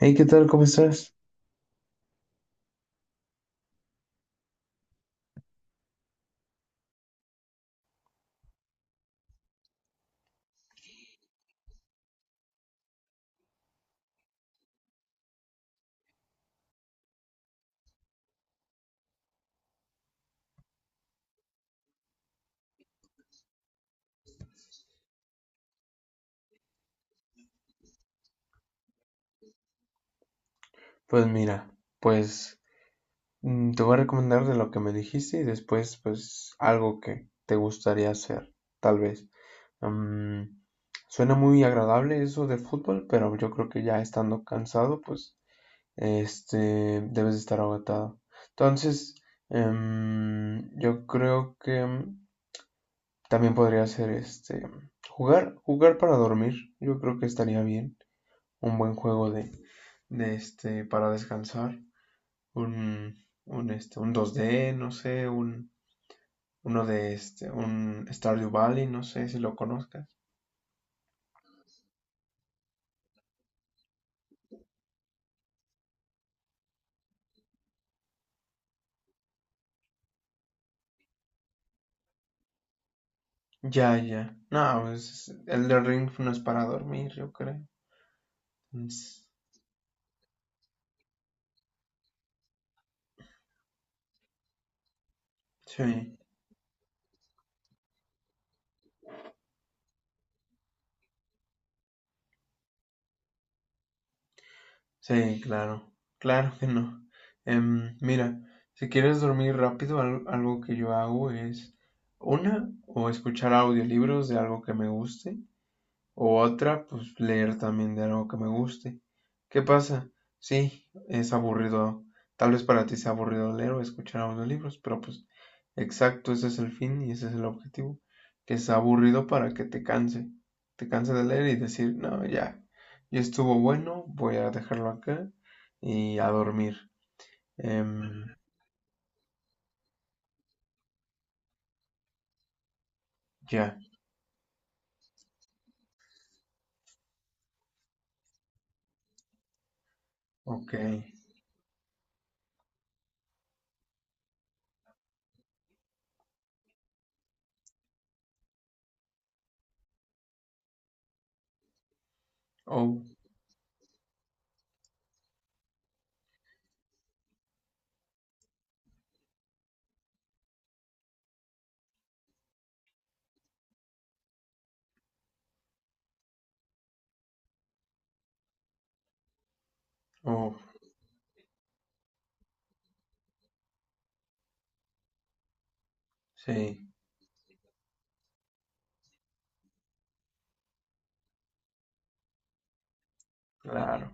Hey, ¿qué tal? ¿Cómo estás? Pues mira, pues te voy a recomendar de lo que me dijiste y después pues algo que te gustaría hacer, tal vez. Mm, suena muy agradable eso de fútbol, pero yo creo que ya estando cansado, pues este debes de estar agotado. Entonces, yo creo que también podría ser jugar para dormir. Yo creo que estaría bien, un buen juego de para descansar. Un 2D, no sé, uno de un Stardew Valley, no sé si lo conozcas. Ya, ya. No, pues el de Ring no es para dormir, yo creo. Sí, sí, claro. Claro que no. Mira, si quieres dormir rápido, algo que yo hago es o escuchar audiolibros de algo que me guste. O otra, pues leer también de algo que me guste. ¿Qué pasa? Sí, es aburrido. Tal vez para ti sea aburrido leer o escuchar audiolibros, pero pues exacto, ese es el fin y ese es el objetivo. Que sea aburrido para que te canse. Te canse de leer y decir, no, ya, ya estuvo bueno, voy a dejarlo acá y a dormir. Em, ya, ok. Oh, oh, sí, claro.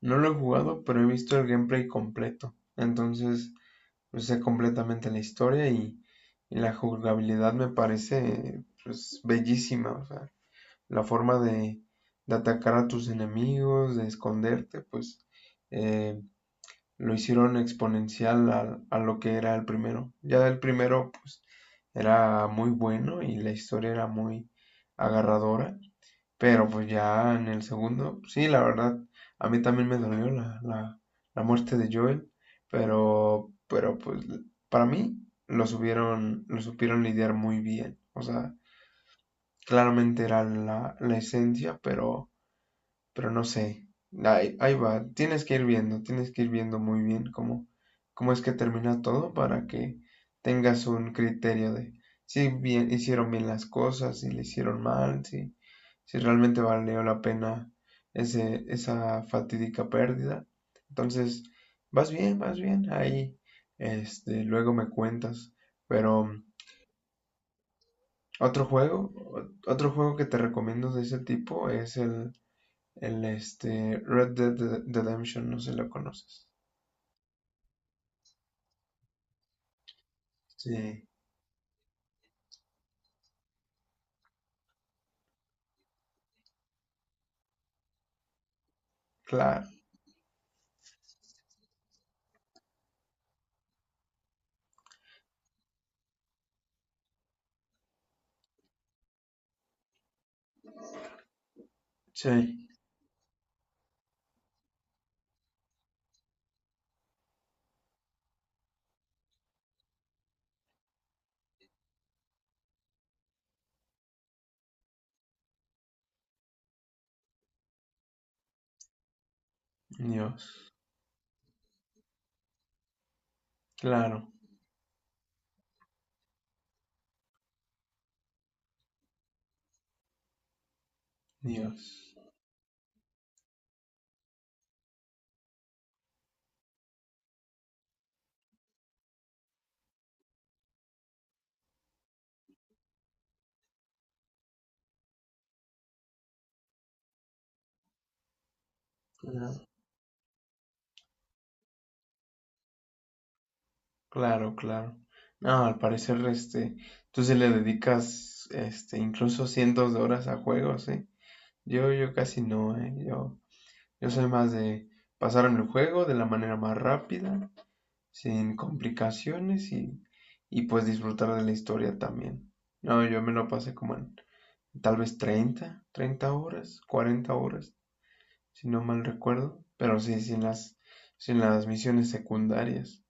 No lo he jugado, pero he visto el gameplay completo. Entonces, usé completamente en la historia y, la jugabilidad me parece pues bellísima, o sea, la forma de atacar a tus enemigos, de esconderte, pues eh, lo hicieron exponencial a lo que era el primero. Ya el primero pues era muy bueno y la historia era muy agarradora, pero pues ya en el segundo, sí, la verdad, a mí también me dolió la, muerte de Joel, pero, pues para mí lo supieron lidiar muy bien. O sea, claramente era la, esencia, pero no sé, ahí va, tienes que ir viendo, muy bien cómo es que termina todo para que tengas un criterio de si bien hicieron bien las cosas, si le hicieron mal, si realmente valió la pena esa fatídica pérdida. Entonces, vas bien, ahí, luego me cuentas. Pero otro juego, que te recomiendo de ese tipo es el Red Dead Redemption, no sé si lo conoces. Sí, claro. Sí, Dios. Claro, Dios. Claro, claro. Claro. No, al parecer, tú se le dedicas, incluso cientos de horas a juegos, ¿eh? Yo, casi no, ¿eh? yo soy más de pasarme el juego de la manera más rápida, sin complicaciones y pues disfrutar de la historia también. No, yo me lo pasé como en tal vez 30 horas, 40 horas, si no mal recuerdo, pero sí, sin las, misiones secundarias.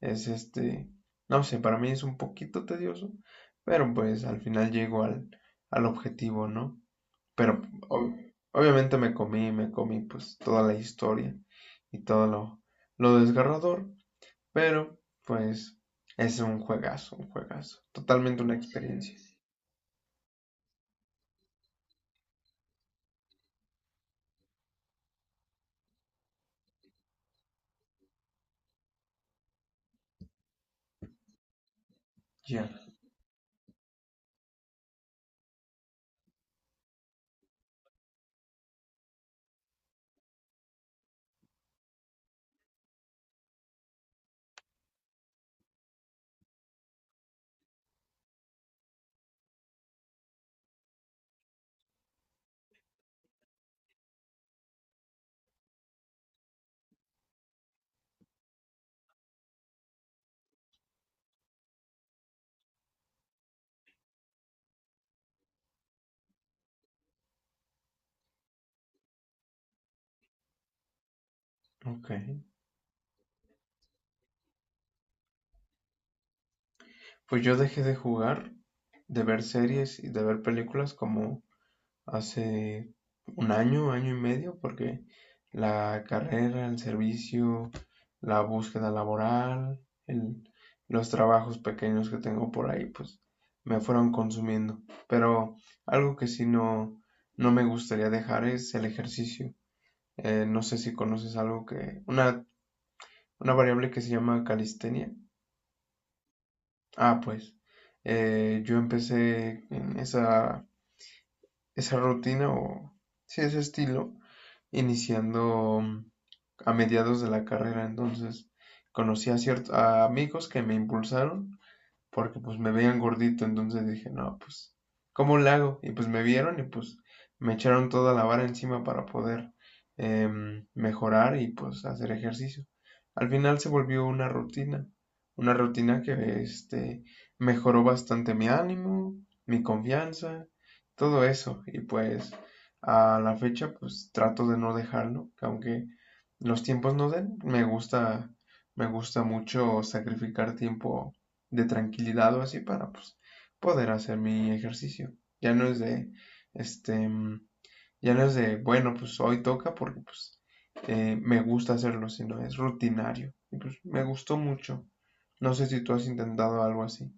Es no sé, para mí es un poquito tedioso, pero pues al final llego al, objetivo, ¿no? Pero obviamente me comí, pues toda la historia y todo lo desgarrador, pero pues es un juegazo, totalmente una experiencia. Ya, ok. Pues yo dejé de jugar, de ver series y de ver películas como hace un año, año y medio, porque la carrera, el servicio, la búsqueda laboral, el- los trabajos pequeños que tengo por ahí, pues me fueron consumiendo. Pero algo que sí no, no me gustaría dejar es el ejercicio. No sé si conoces una variable que se llama calistenia. Ah, pues yo empecé en esa rutina o sí, ese estilo, iniciando a mediados de la carrera. Entonces conocí a ciertos amigos que me impulsaron porque pues me veían gordito, entonces dije, no, pues, ¿cómo le hago? Y pues me vieron y pues me echaron toda la vara encima para poder mejorar y pues hacer ejercicio. Al final se volvió una rutina, que mejoró bastante mi ánimo, mi confianza, todo eso. Y pues a la fecha pues trato de no dejarlo, que aunque los tiempos no den, me gusta mucho sacrificar tiempo de tranquilidad o así para pues, poder hacer mi ejercicio. Ya no es de, este, ya no es de, bueno, pues hoy toca porque pues me gusta hacerlo, sino es rutinario. Y pues me gustó mucho. No sé si tú has intentado algo así.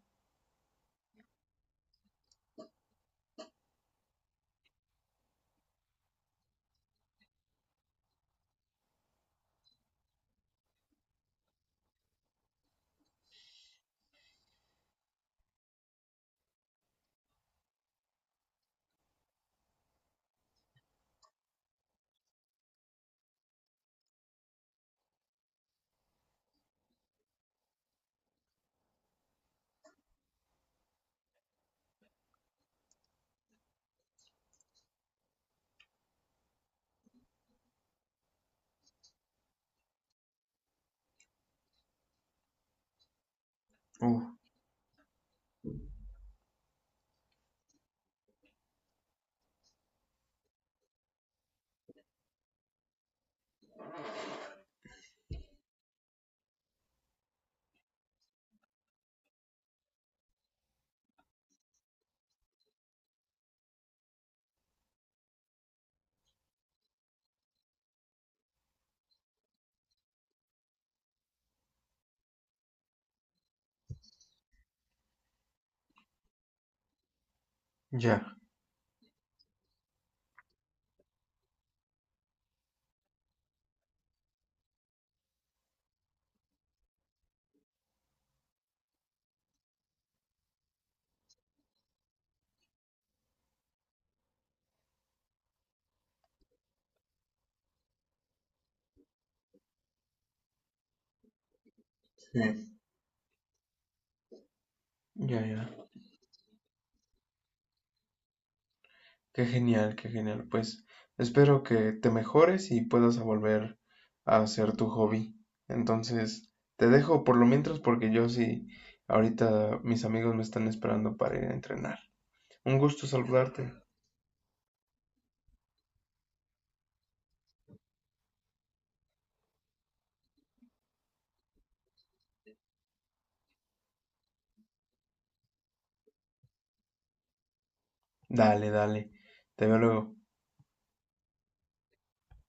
Uh, ya, sí. Ya, ya. Qué genial, qué genial. Pues espero que te mejores y puedas volver a hacer tu hobby. Entonces, te dejo por lo mientras porque yo sí, ahorita mis amigos me están esperando para ir a entrenar. Un gusto saludarte. Dale, dale. Te veo luego.